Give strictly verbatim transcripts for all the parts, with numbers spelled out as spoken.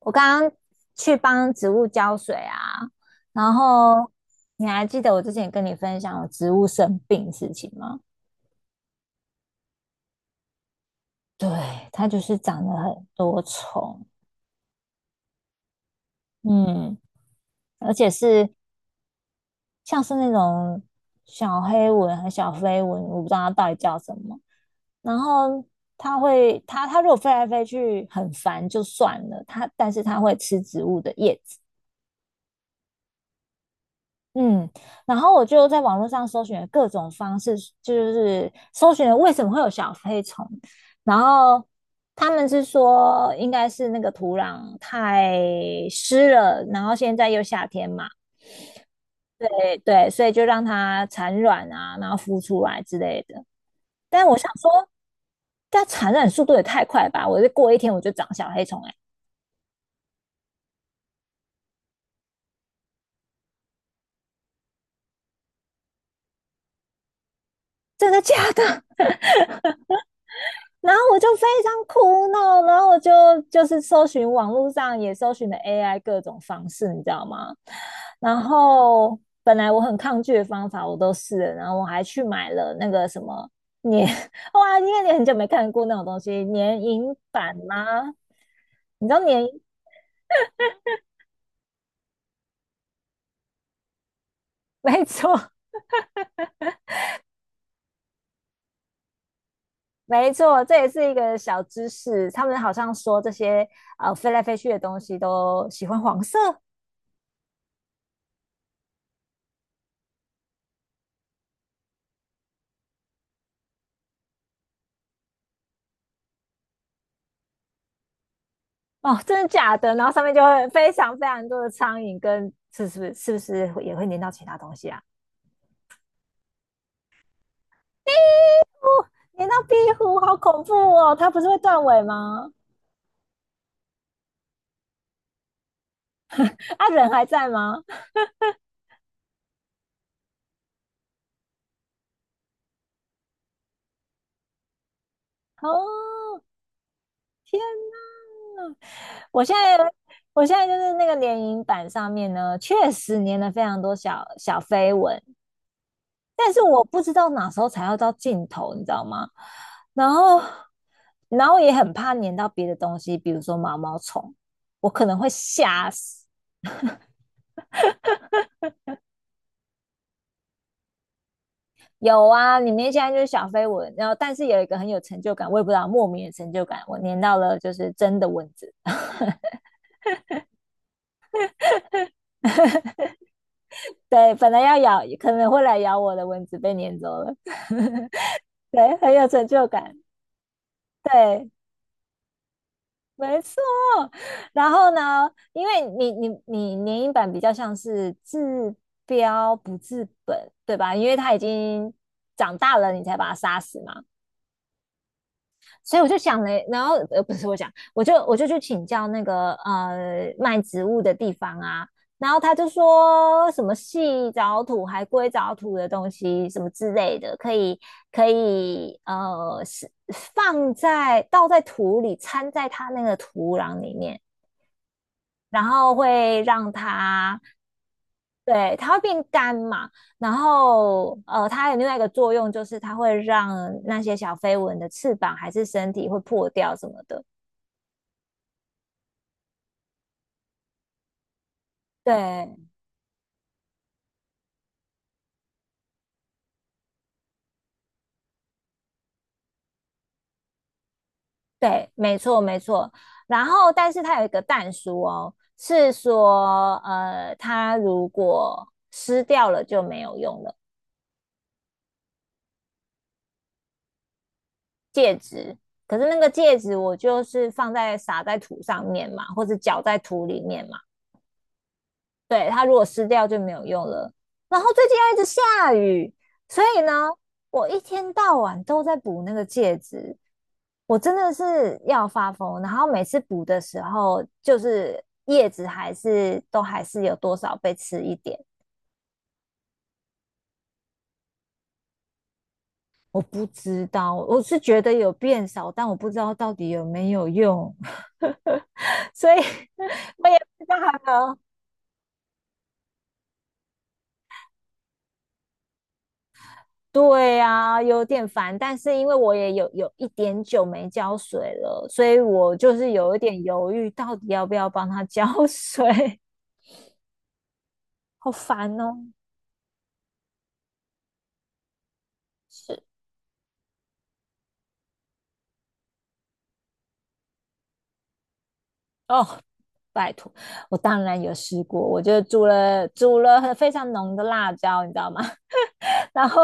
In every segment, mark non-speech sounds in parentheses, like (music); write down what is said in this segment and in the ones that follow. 我刚刚去帮植物浇水啊，然后你还记得我之前跟你分享我植物生病的事情吗？对，它就是长了很多虫。嗯，而且是像是那种小黑蚊和小飞蚊，我不知道它到底叫什么。然后它会，它它如果飞来飞去很烦就算了，它但是它会吃植物的叶子。嗯，然后我就在网络上搜寻了各种方式，就是搜寻了为什么会有小飞虫，然后他们是说应该是那个土壤太湿了，然后现在又夏天嘛。对对，所以就让它产卵啊，然后孵出来之类的。但我想说，它产卵速度也太快吧？我就过一天我就长小黑虫、欸，哎，真的假的？然后我就非常苦恼，然后我就就是搜寻网络上也搜寻了 A I 各种方式，你知道吗？然后本来我很抗拒的方法我都试了，然后我还去买了那个什么年，(laughs) 哇，因为你很久没看过那种东西，年银版吗？你知道年，(laughs) 没错，没错，这也是一个小知识。他们好像说这些呃飞来飞去的东西都喜欢黄色。哦，真的假的？然后上面就会非常非常多的苍蝇跟，是是不是是不是也会粘到其他东西啊？壁虎粘到壁虎，好恐怖哦！它不是会断尾吗？啊，人还在吗？哦，天哪！我现在我现在就是那个联营版上面呢，确实粘了非常多小小飞蚊，但是我不知道哪时候才要到尽头，你知道吗？然后，然后也很怕粘到别的东西，比如说毛毛虫，我可能会吓死。有啊，里面现在就是小飞蚊，然后但是有一个很有成就感，我也不知道莫名的成就感，我粘到了就是真的蚊子。对，本来要咬，可能会来咬我的蚊子被粘走了，(laughs) 对，很有成就感。对，没错。然后呢，因为你你你联影版比较像是治标不治本，对吧？因为他已经长大了，你才把他杀死嘛。所以我就想了，然后呃不是我讲，我就我就去请教那个呃卖植物的地方啊，然后他就说什么细藻土、还龟藻土的东西什么之类的，可以可以呃是放在倒在土里，掺在它那个土壤里面。然后会让它对，它会变干嘛。然后呃，它有另外一个作用就是它会让那些小飞蚊的翅膀还是身体会破掉什么的。对对，没错没错。然后，但是它有一个蛋书哦，是说呃，它如果湿掉了就没有用了戒指。可是那个戒指我就是放在撒在土上面嘛，或者搅在土里面嘛。对，它如果湿掉就没有用了。然后最近又一直下雨，所以呢，我一天到晚都在补那个戒指，我真的是要发疯。然后每次补的时候，就是叶子还是都还是有多少被吃一点。我不知道，我是觉得有变少，但我不知道到底有没有用，(laughs) 所以我也不知道。对啊，有点烦，但是因为我也有有一点久没浇水了，所以我就是有一点犹豫，到底要不要帮它浇水。(laughs) 好烦哦。是哦，拜托，我当然有试过，我就煮了煮了非常浓的辣椒，你知道吗？(laughs) 然后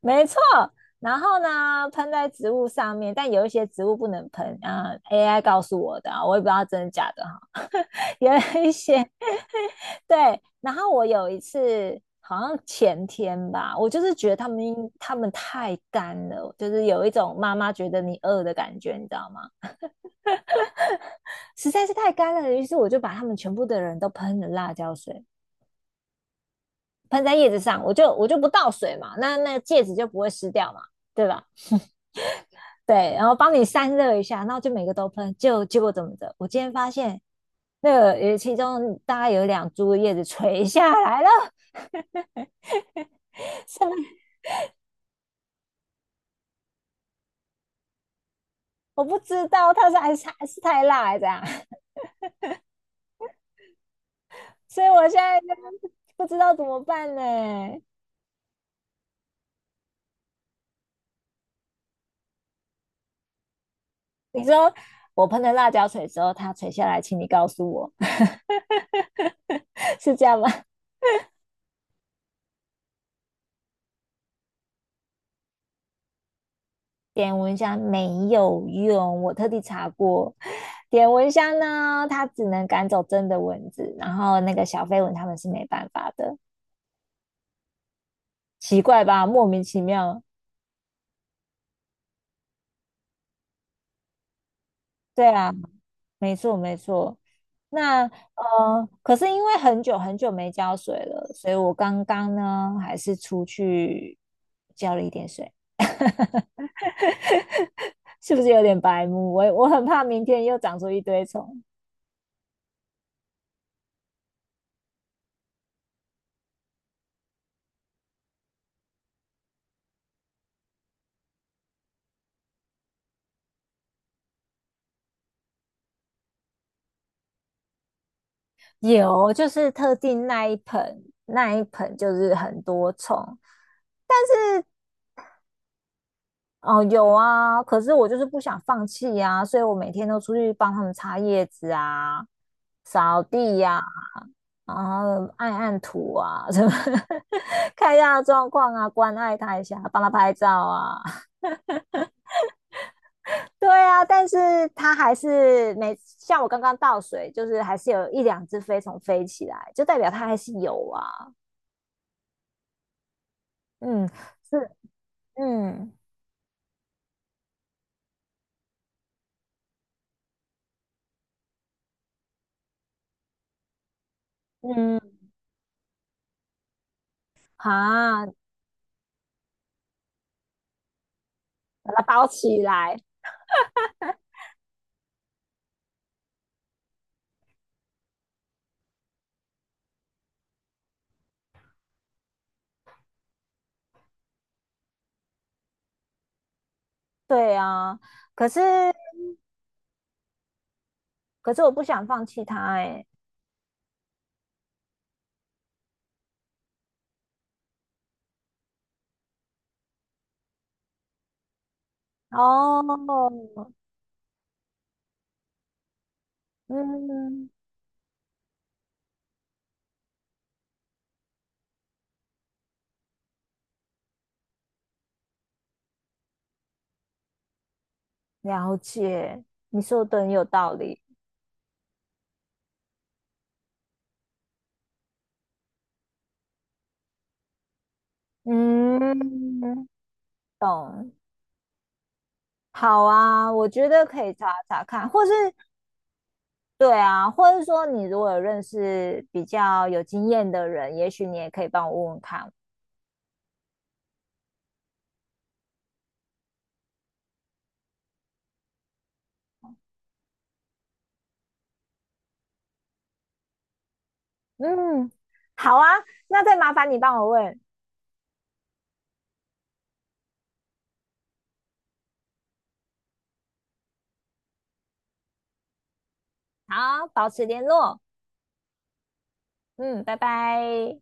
没错，然后呢喷在植物上面，但有一些植物不能喷啊，A I 告诉我的啊，我也不知道真的假的哈。(laughs) 有一些对，然后我有一次好像前天吧，我就是觉得他们他们太干了，就是有一种妈妈觉得你饿的感觉，你知道吗？实在是太干了，于是我就把他们全部的人都喷了辣椒水，喷在叶子上，我就我就不倒水嘛，那那戒指就不会湿掉嘛，对吧？对，然后帮你散热一下，然后就每个都喷，就结果怎么着？我今天发现那个有其中大概有两株叶子垂下来了，(laughs) 我不知道它是还是还是太辣还是怎样。所以我现在就是不知道怎么办呢。你说我喷了辣椒水之后，它垂下来，请你告诉我，(laughs) 是这样吗？点蚊香没有用，我特地查过，点蚊香呢，它只能赶走真的蚊子，然后那个小飞蚊它们是没办法的，奇怪吧？莫名其妙。对啊，没错没错。那呃，可是因为很久很久没浇水了，所以我刚刚呢还是出去浇了一点水。(laughs) 是不是有点白目？我我很怕明天又长出一堆虫。有，就是特定那一盆，那一盆就是很多虫，但是哦有啊，可是我就是不想放弃啊，所以我每天都出去帮他们擦叶子啊、扫地呀、然后按按土啊，什么 (laughs) 看一下状况啊，关爱他一下，帮他拍照啊。(laughs) 对啊，但是他还是每像我刚刚倒水，就是还是有一两只飞虫飞起来，就代表他还是有啊。嗯，是，嗯嗯，啊，把它包起来。对啊，可是可是我不想放弃它哎、哦，嗯，了解，你说的很有道理。嗯，懂。好啊，我觉得可以查查看，或是对啊，或是说你如果有认识比较有经验的人，也许你也可以帮我问问看。嗯，好啊，那再麻烦你帮我问。好，保持联络。嗯，拜拜。